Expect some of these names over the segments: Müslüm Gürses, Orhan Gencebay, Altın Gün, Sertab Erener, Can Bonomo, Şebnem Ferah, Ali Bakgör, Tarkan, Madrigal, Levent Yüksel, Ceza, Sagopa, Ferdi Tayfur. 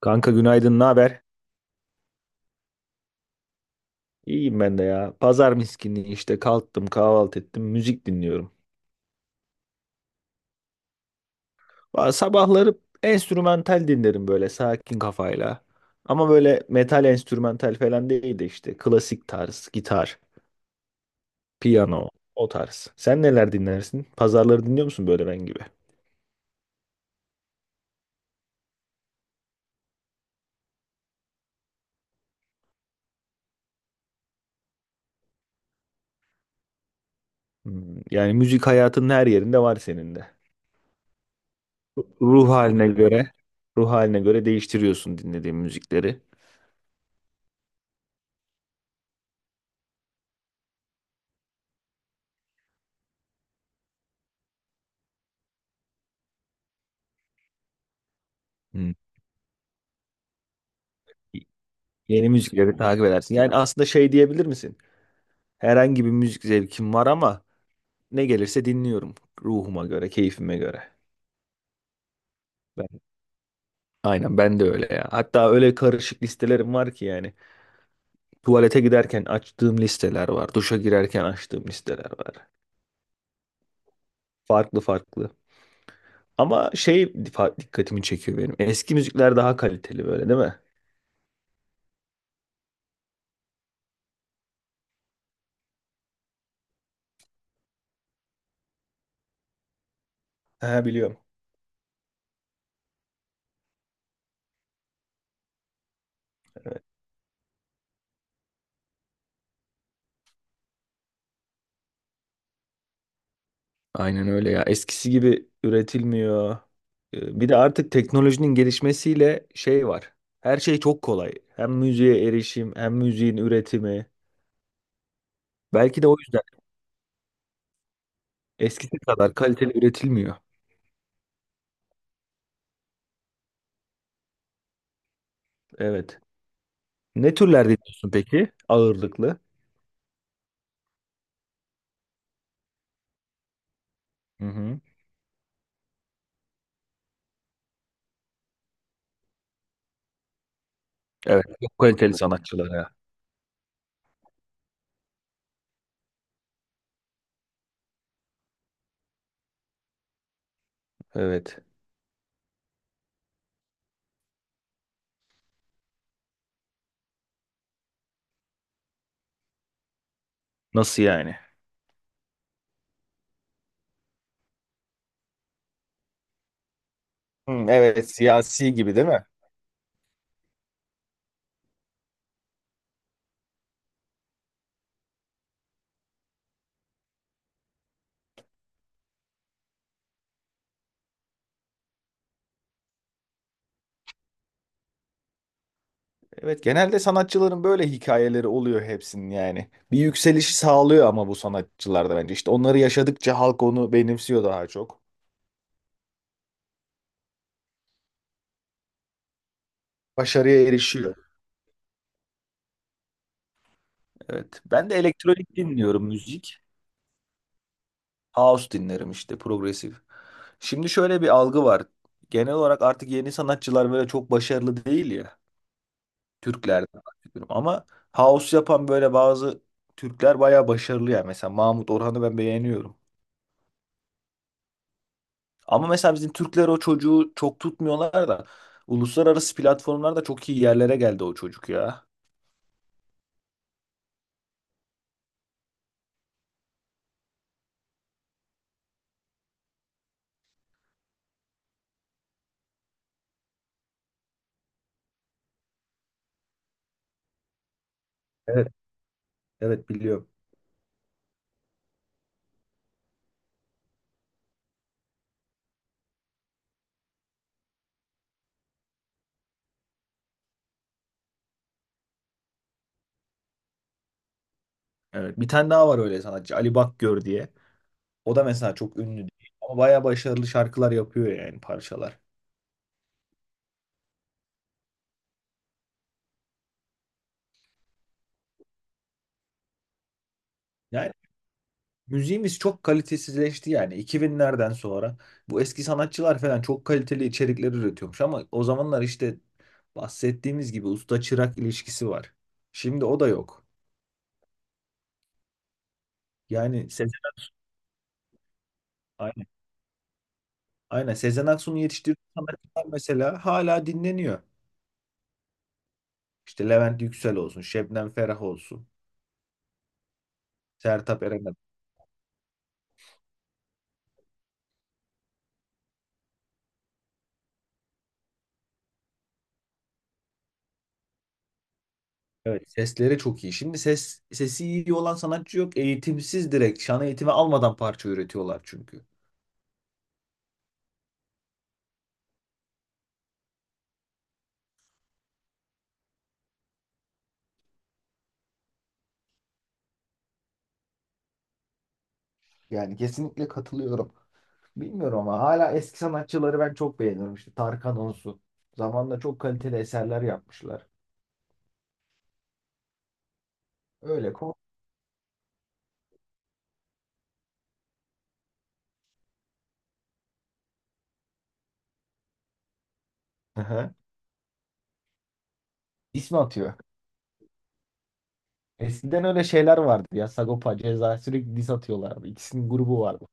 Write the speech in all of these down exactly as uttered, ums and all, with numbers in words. Kanka günaydın, ne haber? İyiyim ben de ya. Pazar miskinliği işte kalktım, kahvaltı ettim, müzik dinliyorum. Ba- Sabahları enstrümantal dinlerim böyle sakin kafayla. Ama böyle metal enstrümantal falan değil de işte klasik tarz, gitar, piyano o tarz. Sen neler dinlersin? Pazarları dinliyor musun böyle ben gibi? Hmm, yani müzik hayatının her yerinde var senin de. Ruh haline göre, ruh haline göre değiştiriyorsun dinlediğin müzikleri. Hmm. Yeni müzikleri takip edersin. Yani aslında şey diyebilir misin? Herhangi bir müzik zevkim var ama ne gelirse dinliyorum ruhuma göre, keyfime göre. Ben, aynen ben de öyle ya. Hatta öyle karışık listelerim var ki yani. Tuvalete giderken açtığım listeler var. Duşa girerken açtığım listeler var. Farklı farklı. Ama şey fa- dikkatimi çekiyor benim. Eski müzikler daha kaliteli böyle değil mi? Ha biliyorum. Aynen öyle ya. Eskisi gibi üretilmiyor. Ee, Bir de artık teknolojinin gelişmesiyle şey var. Her şey çok kolay. Hem müziğe erişim, hem müziğin üretimi. Belki de o yüzden eskisi kadar kaliteli üretilmiyor. Evet. Ne türler dinliyorsun peki? Ağırlıklı. Hı hı. Evet. Çok kaliteli sanatçılara. Evet. Nasıl yani? Hmm, evet siyasi gibi değil mi? Evet genelde sanatçıların böyle hikayeleri oluyor hepsinin yani. Bir yükselişi sağlıyor ama bu sanatçılarda bence. İşte onları yaşadıkça halk onu benimsiyor daha çok. Başarıya erişiyor. Evet. Ben de elektronik dinliyorum müzik. House dinlerim işte progresif. Şimdi şöyle bir algı var. Genel olarak artık yeni sanatçılar böyle çok başarılı değil ya. Türklerden bahsediyorum. Ama house yapan böyle bazı Türkler bayağı başarılı ya. Mesela Mahmut Orhan'ı ben beğeniyorum. Ama mesela bizim Türkler o çocuğu çok tutmuyorlar da uluslararası platformlarda çok iyi yerlere geldi o çocuk ya. Evet, evet biliyorum. Evet, bir tane daha var öyle sanatçı Ali Bakgör diye. O da mesela çok ünlü değil ama bayağı başarılı şarkılar yapıyor yani parçalar. Yani müziğimiz çok kalitesizleşti yani iki binlerden sonra. Bu eski sanatçılar falan çok kaliteli içerikler üretiyormuş ama o zamanlar işte bahsettiğimiz gibi usta çırak ilişkisi var. Şimdi o da yok. Yani Sezen Aynen Sezen Aksu'nun yetiştirdiği sanatçılar mesela hala dinleniyor. İşte Levent Yüksel olsun, Şebnem Ferah olsun, Sertab Erener. Evet sesleri çok iyi. Şimdi ses sesi iyi olan sanatçı yok. Eğitimsiz direkt şan eğitimi almadan parça üretiyorlar çünkü. Yani kesinlikle katılıyorum. Bilmiyorum ama hala eski sanatçıları ben çok beğeniyorum. İşte Tarkan olsun. Zamanında çok kaliteli eserler yapmışlar. Öyle ko Hı hı. ismi atıyor. Eskiden öyle şeyler vardı ya. Sagopa, Ceza sürekli diss atıyorlardı. İkisinin grubu vardı.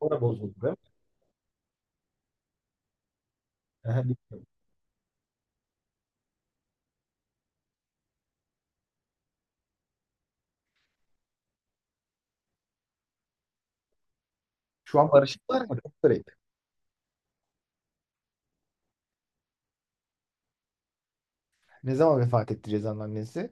Sonra bozuldu değil mi? Aha, bilmiyorum. Şu an barışıklar mı? Çok garip. Ne zaman vefat etti Ceza'nın annesi?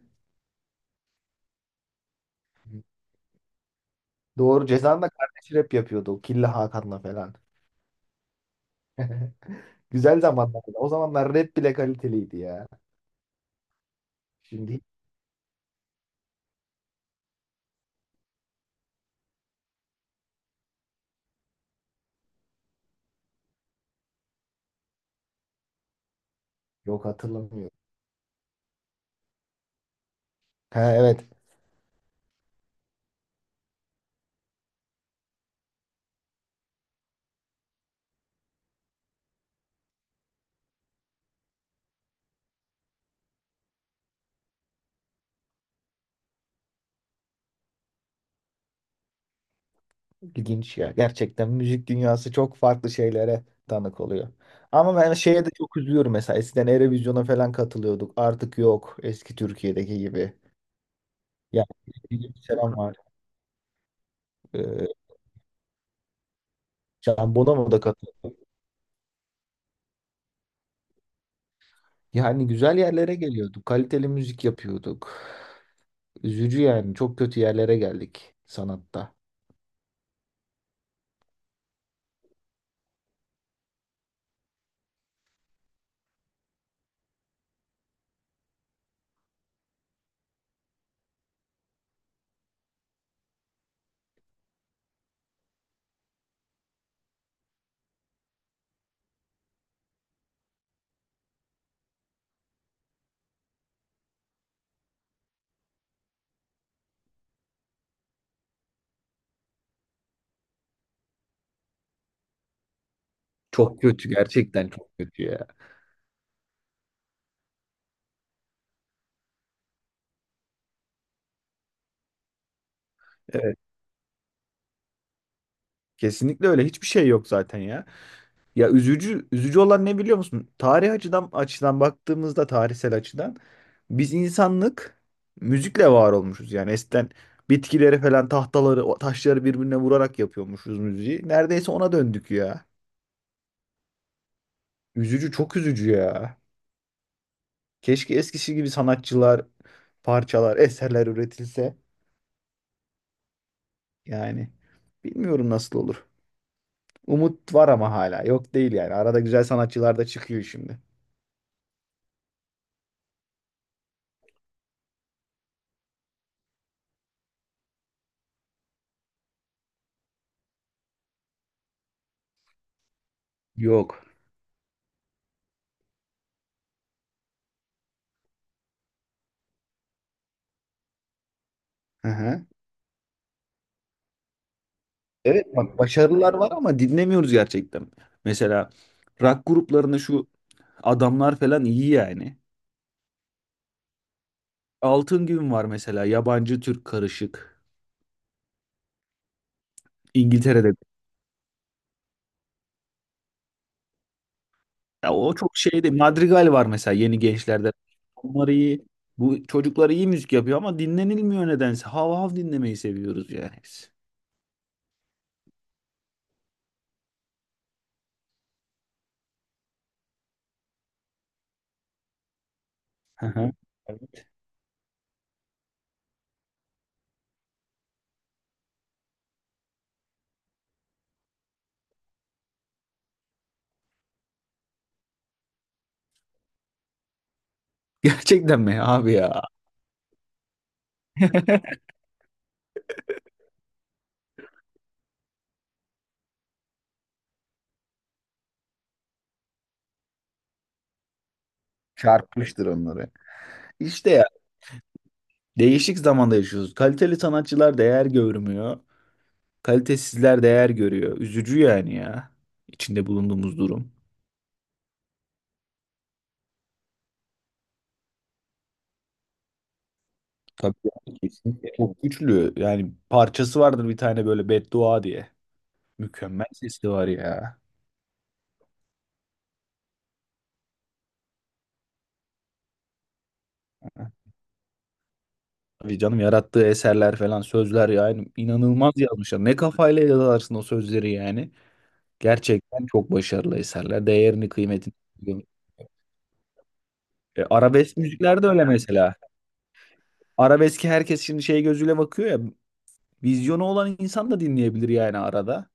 Doğru Ceza'nın da kardeşi rap yapıyordu. Killa Hakan'la falan. Güzel zamanlardı. O zamanlar rap bile kaliteliydi ya. Şimdi yok hatırlamıyorum. Ha evet. İlginç ya. Gerçekten müzik dünyası çok farklı şeylere tanık oluyor. Ama ben şeye de çok üzülüyorum mesela. Eskiden Eurovision'a falan katılıyorduk. Artık yok. Eski Türkiye'deki gibi. Yani bir selam var. Ee, Can Bonomo da katıldı. Yani güzel yerlere geliyorduk. Kaliteli müzik yapıyorduk. Üzücü yani. Çok kötü yerlere geldik sanatta. Çok kötü gerçekten çok kötü ya. Evet. Kesinlikle öyle. Hiçbir şey yok zaten ya. Ya üzücü üzücü olan ne biliyor musun? Tarih açıdan açıdan baktığımızda tarihsel açıdan biz insanlık müzikle var olmuşuz. Yani eskiden bitkileri falan tahtaları o taşları birbirine vurarak yapıyormuşuz müziği. Neredeyse ona döndük ya. Üzücü çok üzücü ya. Keşke eskisi gibi sanatçılar, parçalar, eserler üretilse. Yani bilmiyorum nasıl olur. Umut var ama hala. Yok değil yani. Arada güzel sanatçılar da çıkıyor şimdi. Yok. Hı hı. Evet bak başarılar var ama dinlemiyoruz gerçekten. Mesela rock gruplarında şu adamlar falan iyi yani. Altın Gün var mesela yabancı Türk karışık. İngiltere'de Ya o çok şeyde Madrigal var mesela yeni gençlerde. Onlar iyi. Bu çocuklar iyi müzik yapıyor ama dinlenilmiyor nedense. Hav hav dinlemeyi seviyoruz yani biz. Hı hı. Gerçekten mi abi ya? Çarpmıştır onları. İşte ya değişik zamanda yaşıyoruz. Kaliteli sanatçılar değer görmüyor. Kalitesizler değer görüyor. Üzücü yani ya. İçinde bulunduğumuz durum. Tabii yani kesinlikle. Çok güçlü. Yani parçası vardır bir tane böyle beddua diye. Mükemmel sesi var ya. Tabii canım yarattığı eserler falan sözler yani inanılmaz yazmışlar. Ne kafayla yazarsın o sözleri yani. Gerçekten çok başarılı eserler. Değerini, kıymetini biliyor. E, arabesk müzikler de öyle mesela. Arabeski herkes şimdi şey gözüyle bakıyor ya. Vizyonu olan insan da dinleyebilir yani arada.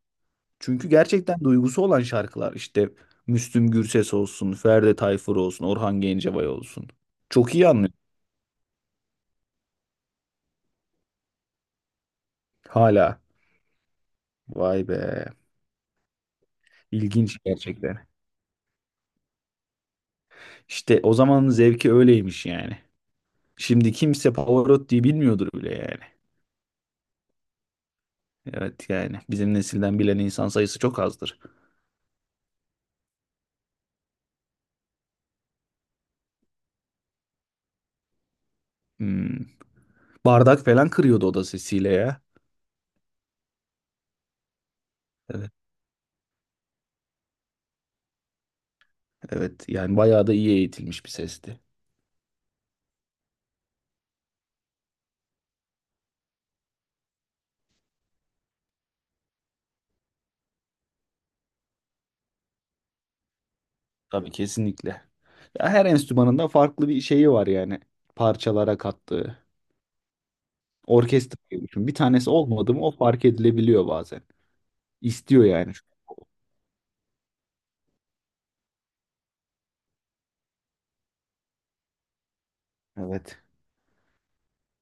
Çünkü gerçekten duygusu olan şarkılar işte Müslüm Gürses olsun, Ferdi Tayfur olsun, Orhan Gencebay olsun. Çok iyi anlıyor hala. Vay be. İlginç gerçekten. İşte o zamanın zevki öyleymiş yani. Şimdi kimse Pavarotti'yi bilmiyordur bile yani. Evet yani bizim nesilden bilen insan sayısı çok azdır. Hmm. Bardak falan kırıyordu o da sesiyle ya. Evet, evet yani bayağı da iyi eğitilmiş bir sesti. Tabii kesinlikle. Ya her enstrümanın da farklı bir şeyi var yani parçalara kattığı. Orkestra gibi düşün. Bir tanesi olmadı mı o fark edilebiliyor bazen. İstiyor yani. Evet.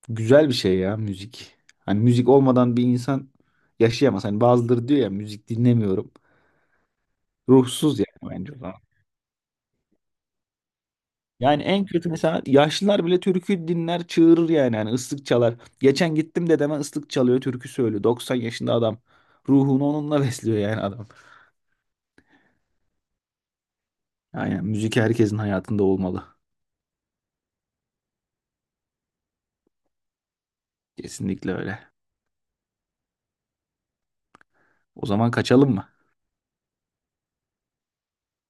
Güzel bir şey ya müzik. Hani müzik olmadan bir insan yaşayamaz. Hani bazıları diyor ya müzik dinlemiyorum. Ruhsuz yani bence o zaman. Yani en kötü mesela yaşlılar bile türkü dinler çığırır yani yani ıslık çalar. Geçen gittim dedeme ıslık çalıyor türkü söylüyor. doksan yaşında adam. Ruhunu onunla besliyor yani adam. Aynen müzik herkesin hayatında olmalı. Kesinlikle öyle. O zaman kaçalım mı?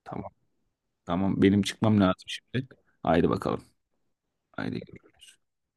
Tamam. Tamam benim çıkmam lazım şimdi. Haydi bakalım. Haydi görüşürüz.